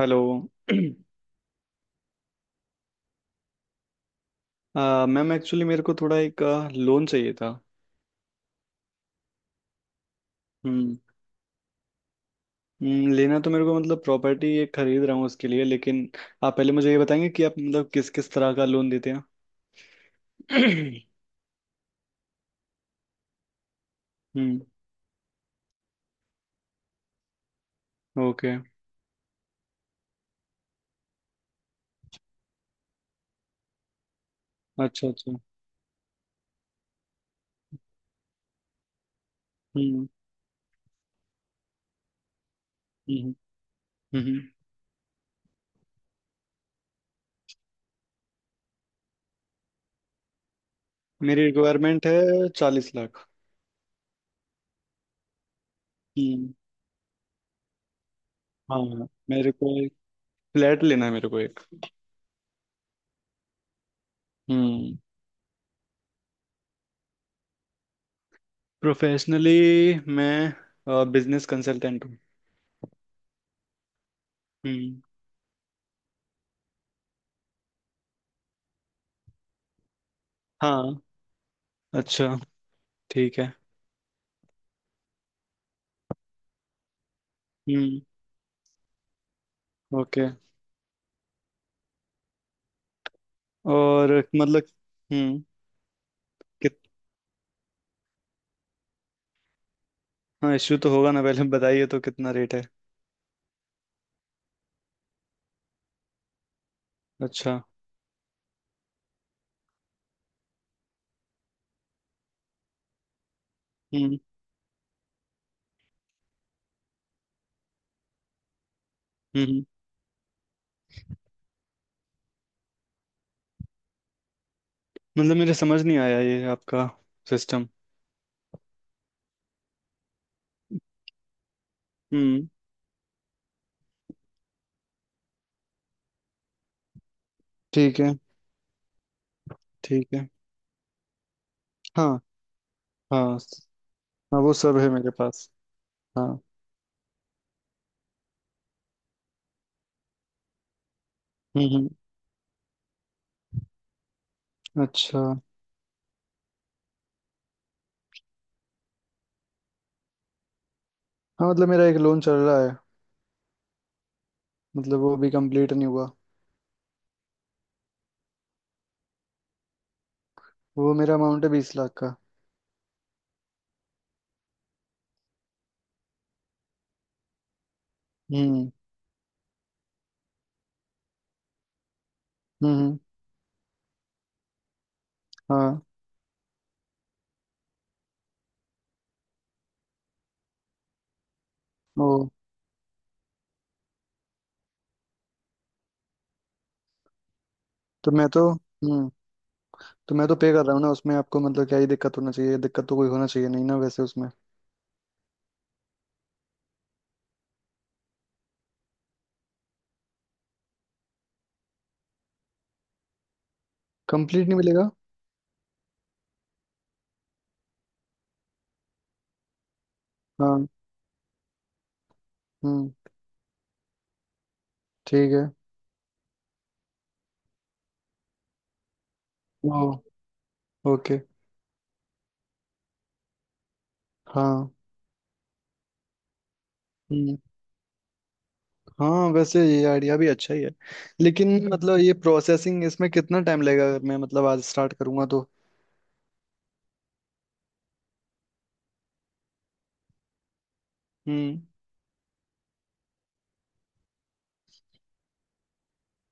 Hello. Ma'am actually मेरे को थोड़ा एक लोन चाहिए था। हम्म लेना तो मेरे को मतलब प्रॉपर्टी ये खरीद रहा हूँ उसके लिए, लेकिन आप पहले मुझे ये बताएंगे कि आप मतलब किस किस तरह का लोन देते हैं? हम्म। ओके। अच्छा अच्छा। हम्म हम्म हम्म हम्म। मेरी रिक्वायरमेंट है 40 लाख। हम्म। हाँ मेरे को एक फ्लैट लेना है, मेरे को एक। हम्म। प्रोफेशनली मैं बिजनेस कंसल्टेंट हूँ। हम्म। हाँ। अच्छा। ठीक है। हम्म। ओके। और मतलब हम्म कित हाँ, इश्यू तो होगा ना? पहले बताइए तो कितना रेट है? अच्छा। हम्म हम्म हम्म, मतलब मेरे समझ नहीं आया ये आपका सिस्टम। हम्म। ठीक है। ठीक है। हाँ। हाँ। हाँ वो सब है मेरे पास। हाँ। हम्म। अच्छा। हाँ मतलब मेरा एक लोन चल रहा है। मतलब वो भी कंप्लीट नहीं हुआ। वो मेरा अमाउंट है 20 लाख का। हम्म हम्म हम्म, हाँ। ओ। तो मैं तो हम्म तो मैं तो पे कर रहा हूँ ना उसमें, आपको मतलब क्या ही दिक्कत होना चाहिए? दिक्कत तो कोई होना चाहिए नहीं ना वैसे उसमें। कंप्लीट नहीं मिलेगा? हाँ। हम्म। ठीक है। ओ। ओके। हाँ। हम्म। हाँ वैसे ये आइडिया भी अच्छा ही है, लेकिन मतलब ये प्रोसेसिंग इसमें कितना टाइम लगेगा अगर मैं मतलब आज स्टार्ट करूँगा तो? हम्म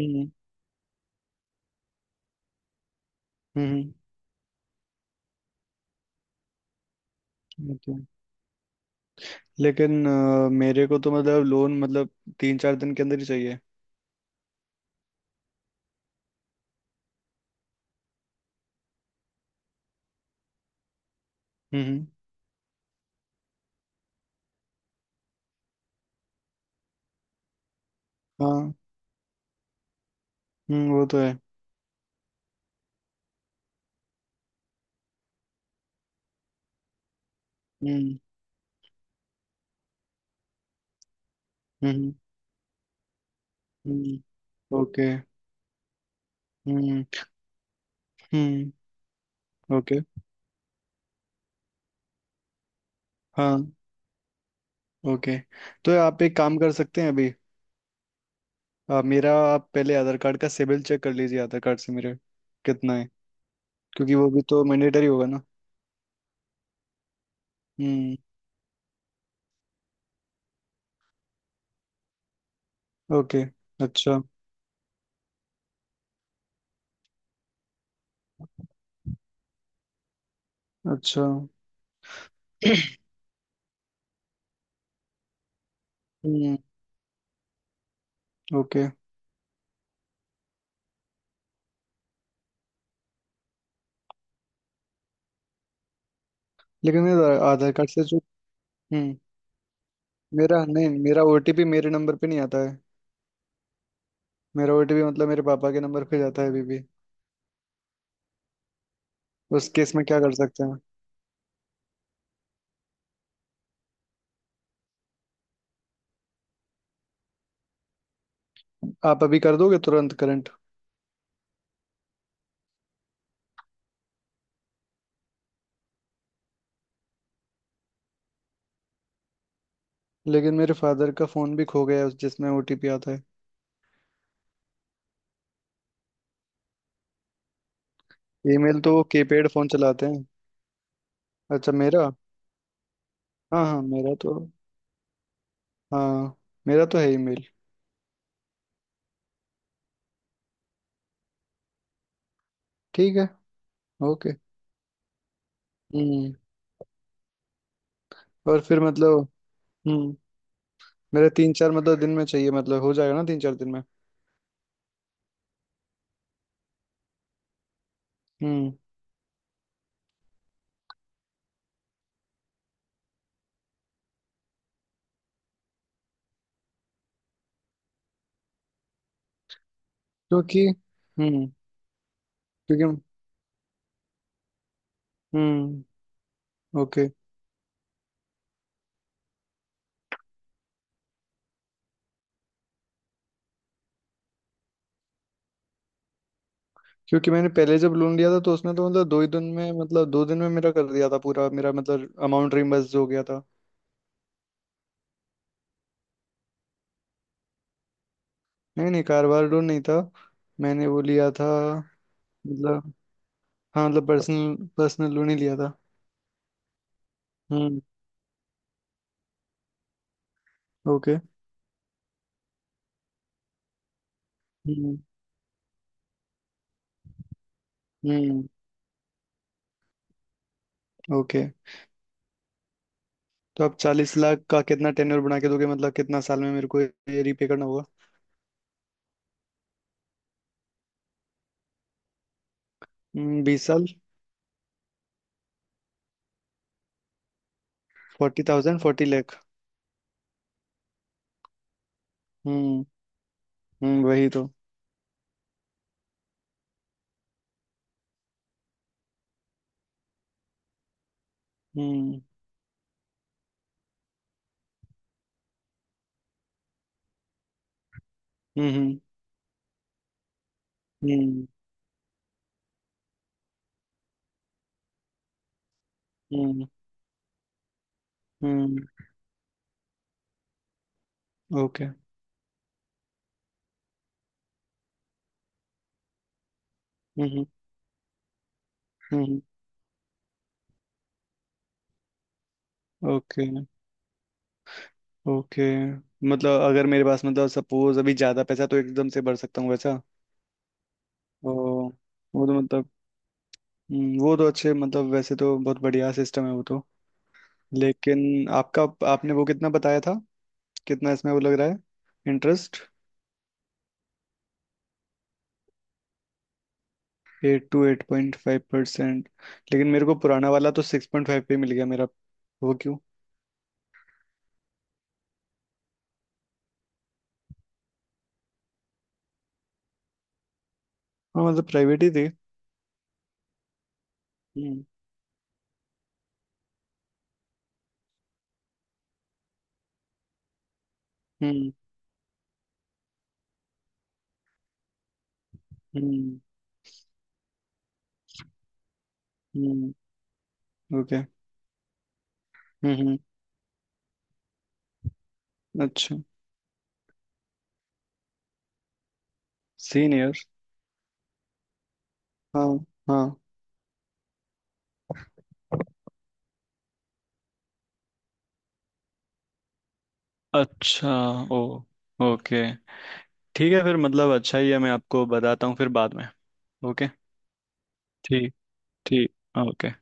हम्म हम्म हम्म, ओके। लेकिन मेरे को तो मतलब लोन मतलब 3-4 दिन के अंदर ही चाहिए। हम्म हम्म। हाँ। वो तो है। हम्म हम्म। हम्म। ओके। हम्म हम्म। ओके। हाँ। ओके। तो आप एक काम कर सकते हैं अभी। मेरा आप पहले आधार कार्ड का सिबिल चेक कर लीजिए, आधार कार्ड से मेरे कितना है? क्योंकि वो भी तो मैंडेटरी होगा ना। हम्म। ओके। अच्छा। अच्छा। हम्म। ओके। लेकिन मेरा आधार कार्ड से जो हम्म मेरा नहीं, मेरा ओटीपी मेरे नंबर पे नहीं आता है। मेरा ओटीपी मतलब मेरे पापा के नंबर पे जाता है अभी भी। उस केस में क्या कर सकते हैं? आप अभी कर दोगे तुरंत करंट? लेकिन मेरे फादर का फोन भी खो गया है उस जिसमें ओटीपी आता है। ईमेल तो वो कीपैड फोन चलाते हैं। अच्छा मेरा। हाँ हाँ मेरा तो। हाँ मेरा तो है ही मेल। ठीक है। ओके। हम्म। और फिर मतलब हम्म मेरे तीन चार मतलब दिन में चाहिए, मतलब हो जाएगा ना 3-4 दिन में? हम्म। क्योंकि हम्म क्योंकि हम्म ओके क्योंकि मैंने पहले जब लोन लिया था तो उसने तो मतलब 2 ही दिन में, मतलब 2 दिन में मेरा कर दिया था पूरा, मेरा मतलब अमाउंट रिम्बर्स हो गया था। नहीं नहीं कारोबार लोन नहीं था, मैंने वो लिया था मतलब, हाँ मतलब पर्सनल पर्सनल लोन ही लिया था। हम्म। ओके। हम्म हम्म। ओके, तो आप 40 लाख का कितना टेन्योर बना के दोगे, मतलब कितना साल में मेरे को ये रीपे करना होगा? 20 साल। 40,000, 40 लाख। हम्म। वही तो। हम्म हम्म हम्म हम्म हम्म। ओके। हम्म हम्म। ओके ओके, मतलब अगर मेरे पास मतलब सपोज अभी ज्यादा पैसा तो एकदम से भर सकता हूँ वैसा? ओ। वो तो मतलब वो तो अच्छे मतलब वैसे तो बहुत बढ़िया सिस्टम है वो तो। लेकिन आपका, आपने वो कितना बताया था, कितना इसमें वो लग रहा है इंटरेस्ट? 8 to 8.5%? लेकिन मेरे को पुराना वाला तो 6.5 पे मिल गया मेरा, वो क्यों? हाँ मतलब प्राइवेट ही थे। हम्म हम्म हम्म हम्म। ओके। हम्म। अच्छा। सीनियर? हाँ। हाँ। अच्छा। ओ। ओके। ठीक है, फिर मतलब अच्छा ही है, मैं आपको बताता हूँ फिर बाद में। ओके। ठीक। ठीक। ओके।